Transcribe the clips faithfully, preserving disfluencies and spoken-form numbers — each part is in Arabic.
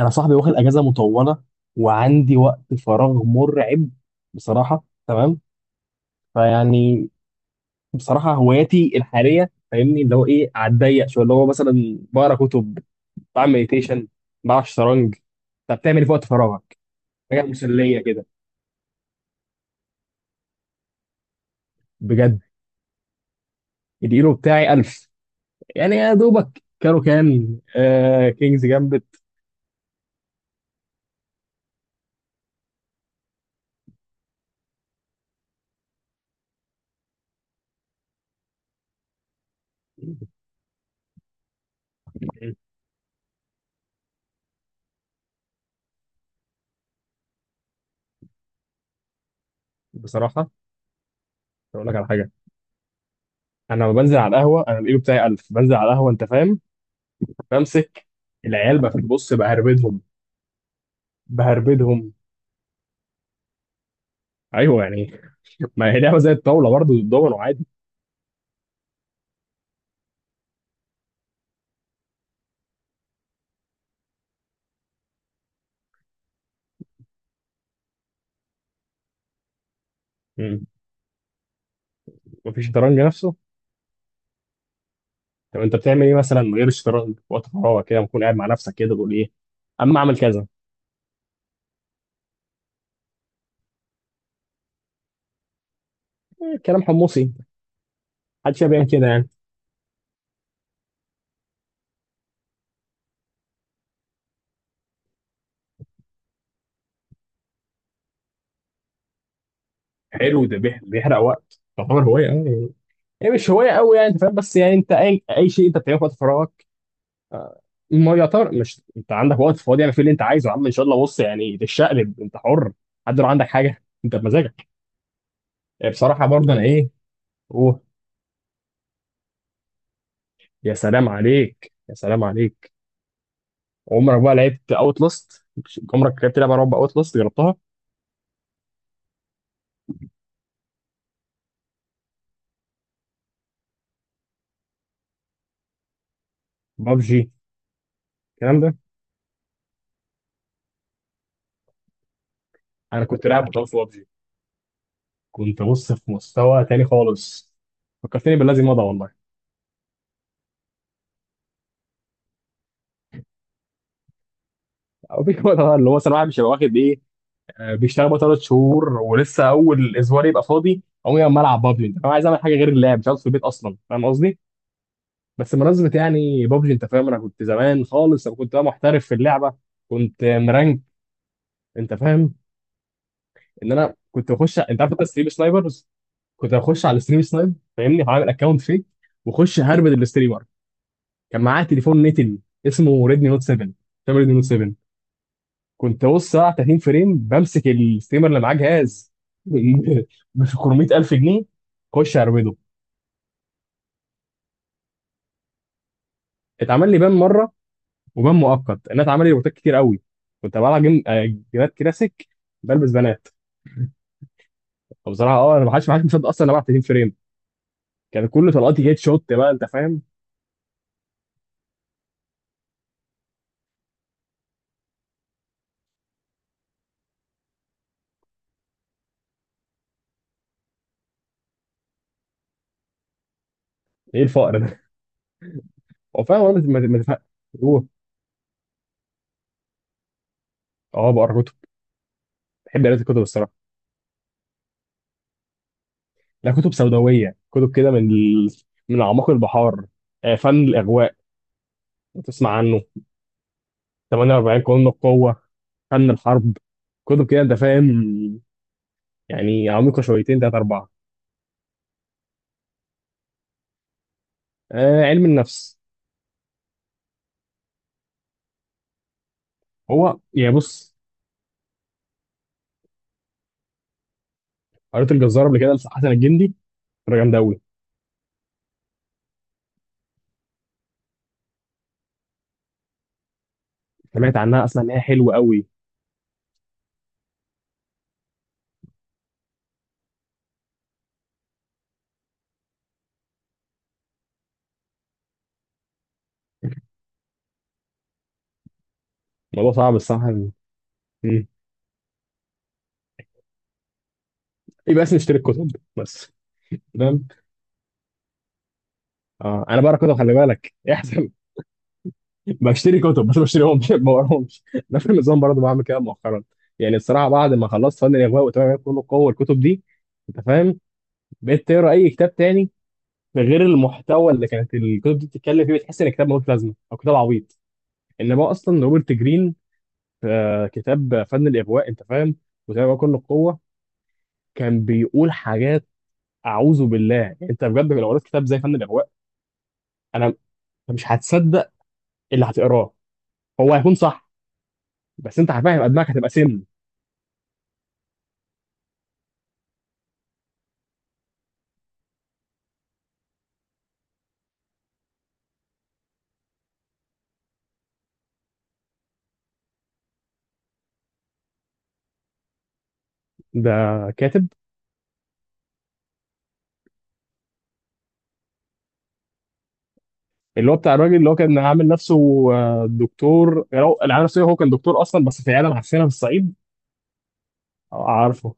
انا صاحبي واخد اجازه مطوله وعندي وقت فراغ مرعب. بصراحه تمام. فيعني بصراحه هواياتي الحاليه، فاهمني اللي هو ايه، على الضيق شويه، اللي هو مثلا بقرا كتب، بعمل مديتيشن، بلعب شطرنج. طب بتعمل إيه في وقت فراغك؟ حاجه مسليه كده. بجد اليورو بتاعي ألف، يعني يا دوبك كانوا كان آه كينجز جامبت. بصراحه اقول لك على حاجه. انا لما بنزل على القهوه، انا اليورو بتاعي ألف، بنزل على القهوه انت فاهم، بمسك العيال بقى في البص بهربدهم. بهربدهم. ايوه يعني ما هي لعبه زي الطاوله، برضه الدومينو عادي. مم. مفيش شطرنج نفسه. طب انت بتعمل ايه مثلا من غير الشطرنج وقت فراغك؟ كده بتكون قاعد مع نفسك كده تقول ايه، اما اعمل كذا. إيه، كلام حمصي. محدش بيعمل كده يعني. حلو، ده بيح- بيحرق وقت، تعتبر هوايه اه يعني. هي مش هوايه قوي يعني انت فاهم، بس يعني انت اي اي شيء انت بتعمله في وقت فراغك. آه، ما يعتبر، مش انت عندك وقت فاضي يعني في اللي انت عايزه يا عم؟ ان شاء الله بص يعني تتشقلب انت حر. حد لو عندك حاجه انت بمزاجك. آه، بصراحه برضه انا ايه. يا سلام عليك يا سلام عليك. عمرك بقى لعبت اوت لاست؟ عمرك لعبت لعبه رعب اوت لاست؟ جربتها؟ بابجي. الكلام ده. انا كنت لاعب بطل في بابجي. كنت بص في مستوى تاني خالص. فكرتني بالذي مضى والله. أو بي- والله اللي هو مثلا واحد مش هيبقى واخد ايه، آه، بيشتغل بقى ثلاث شهور ولسه اول اسبوع، يبقى فاضي اقوم يا العب بابجي انت فاهم. عايز اعمل حاجه غير اللعب، مش عاوز في البيت اصلا فاهم قصدي. بس منظمه يعني بابجي انت فاهم. انا كنت زمان خالص، انا كنت بقى محترف في اللعبه. كنت مرانك انت فاهم. ان انا كنت بخش، انت عارف انت ستريم سنايبرز. كنت بخش على ستريم سنايب فاهمني، هعمل اكونت فيك، واخش هربد الاستريمر. كان معاه تليفون نتن، اسمه ريدمي نوت سبعة. فاهم ريدمي نوت سبعة؟ كنت بص ساعه تلاتين فريم، بمسك الستريمر اللي معاه جهاز ب أربعمائة ألف جنيه اخش هربده. اتعمل لي بان مره، وبان مؤقت. انا اتعمل لي روبوتات كتير قوي. كنت بلعب جيم آه، جيمات كلاسيك، بلبس بنات. فبصراحه اه، انا ما حدش ما حدش مصدق اصلا انا بلعب تلاتين فريم. كان كل طلقاتي هيد شوت بقى انت فاهم. ايه الفقر ده. هو فعلا والله ما ما تفهم. هو اه، بقرا كتب. بحب قراءة الكتب الصراحة. لا، كتب سوداوية، كتب كده من ال... من أعماق البحار. آه، فن الإغواء، تسمع عنه؟ ثمانية وأربعين قانون القوة، فن الحرب، كتب كده أنت فاهم، يعني عميقة شويتين تلاتة أربعة. آه، علم النفس. هو يعني بص، قريت الجزار قبل كده لحسن الجندي، كانت جامدة أوي. سمعت عنها أصلا إن هي حلوة أوي. الموضوع صعب الصراحة. مم. يبقى اسمي اشتري الكتب بس. تمام. آه، أنا بقرا كتب خلي بالك احسن. بشتري كتب بس بشتريهمش ما بقراهمش. نفس النظام برضه، بعمل كده مؤخرا. يعني الصراحه بعد ما خلصت فن الاغواء، وتمام كله قوه، الكتب دي انت فاهم، بقيت تقرا اي كتاب تاني غير المحتوى اللي كانت الكتب دي بتتكلم فيه، بتحس ان الكتاب ملوش لازمه او كتاب عبيط. انما اصلا روبرت جرين في كتاب فن الاغواء انت فاهم، وتمام كله القوه، كان بيقول حاجات اعوذ بالله. يعني انت بجد لو قريت كتاب زي فن الاغواء، انا أنت مش هتصدق اللي هتقراه، هو هيكون صح. بس انت عارف هيبقى دماغك هتبقى سم. ده كاتب. اللي هو بتاع الراجل اللي هو كان عامل نفسه آه، دكتور يعني، هو اللي عامل نفسه، هو كان دكتور اصلا بس في عياده معفنه في الصعيد. آه، عارفه.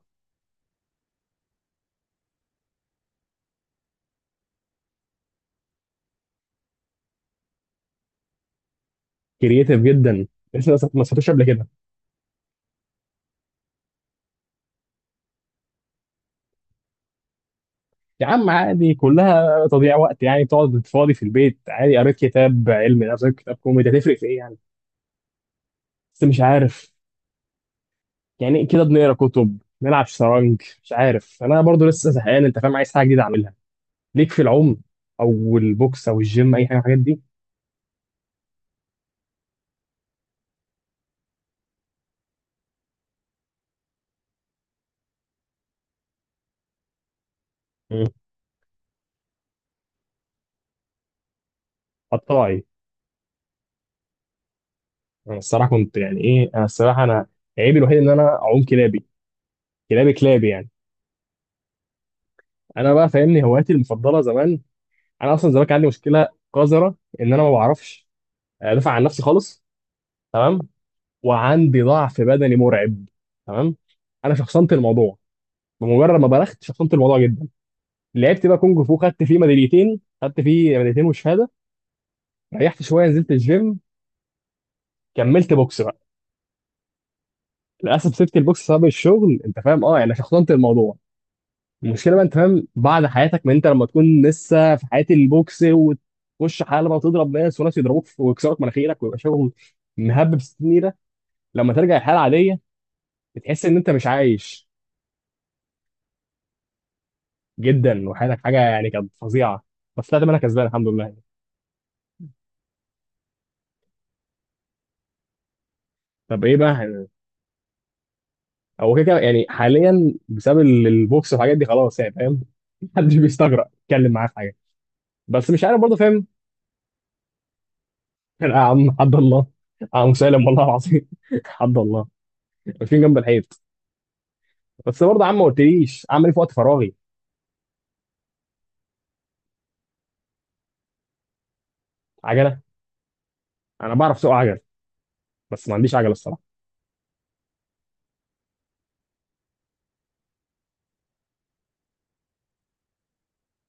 كرييتيف جدا. لسه لسه ما سمعتوش قبل كده. يا عم عادي، كلها تضييع وقت يعني. تقعد فاضي في البيت عادي، قريت كتاب علمي نفسك، قريت كتاب كوميدي، هتفرق في ايه يعني. بس مش عارف. يعني كده بنقرا كتب، نلعب شطرنج، مش عارف. انا برضو لسه زهقان انت فاهم، عايز حاجه جديده اعملها. ليك في العوم، او البوكس، او الجيم، اي حاجه من الحاجات دي. مم. قطاعي. انا الصراحه كنت يعني ايه، انا الصراحه انا عيبي الوحيد ان انا اعوم كلابي. كلابي كلابي يعني. انا بقى فاهمني هواياتي المفضله زمان. انا اصلا زمان كان عندي مشكله قذره، ان انا ما بعرفش ادافع عن نفسي خالص. تمام؟ وعندي ضعف بدني مرعب. تمام؟ انا شخصنت الموضوع. بمجرد ما بلغت شخصنت الموضوع جدا. لعبت بقى كونج فو، خدت فيه ميداليتين، خدت فيه ميداليتين وشهاده. ريحت شويه، نزلت الجيم، كملت بوكس بقى. للاسف سبت البوكس بسبب الشغل انت فاهم، اه يعني. شخصنت الموضوع. المشكله بقى انت فاهم بعد حياتك، ما انت لما تكون لسه في حياه البوكس وتخش حلبه، وتضرب ناس وناس يضربوك في- ويكسروك مناخيرك، ويبقى شغل مهبب ستين نيره، لما ترجع الحياه العاديه بتحس ان انت مش عايش. جدا، وحياتك حاجه يعني كانت فظيعه. بس طلعت منها كسبان الحمد لله. طب ايه بقى؟ هو كده كده يعني حاليا بسبب ال- البوكس والحاجات دي، خلاص يعني فاهم محدش بيستجرأ يتكلم معاه في حاجه. بس مش عارف برضه فاهم. يا عم حد الله. يا عم سالم، والله العظيم حد الله، واقفين جنب الحيط. بس برضه يا عم ما قلتليش اعمل ايه في وقت فراغي. عجله؟ انا بعرف اسوق عجل، بس ما عنديش عجله الصراحه.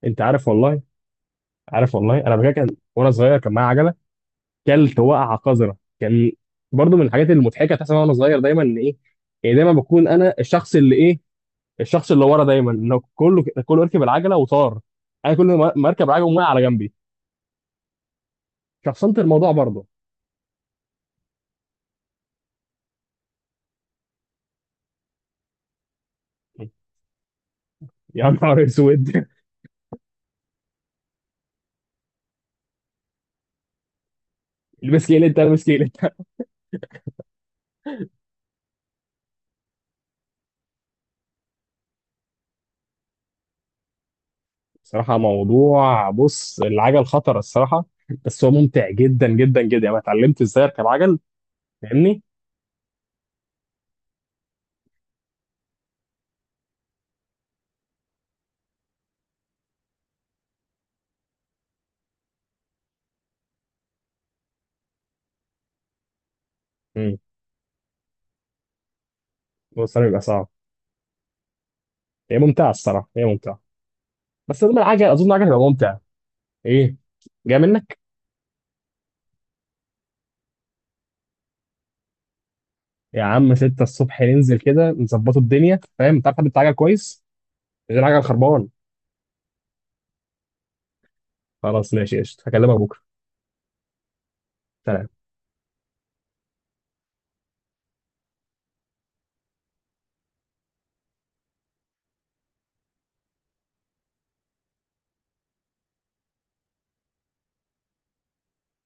انت عارف والله. عارف والله انا بجد، كان وانا صغير كان معايا عجله. كلت وقعه قذره كان. برضه من الحاجات المضحكه تحصل وانا صغير دايما، ان ايه، يعني دايما بكون انا الشخص اللي ايه، الشخص اللي ورا دايما، انه كله كله يركب العجله وطار، انا كل ما ما اركب العجله وقع على جنبي. شخصنت الموضوع برضه. يا نهار اسود البس كيلت البس كيلت. صراحة موضوع بص العجل خطر الصراحة، بس هو ممتع جدا جدا جدا يعني. أنا اتعلمت ازاي اركب عجل فاهمني؟ امم، هو الصراحة بيبقى صعب. هي ممتعة الصراحة، هي ممتعة. بس اظن العجل، اظن العجل هيبقى ممتع. ايه؟ جاي منك. يا عم ستة الصبح ننزل كده نظبطوا الدنيا فاهم؟ تعرف حد بتاع عجل كويس؟ غير عجل خربان. خلاص ماشي قشطة، هكلمك بكرة. سلام.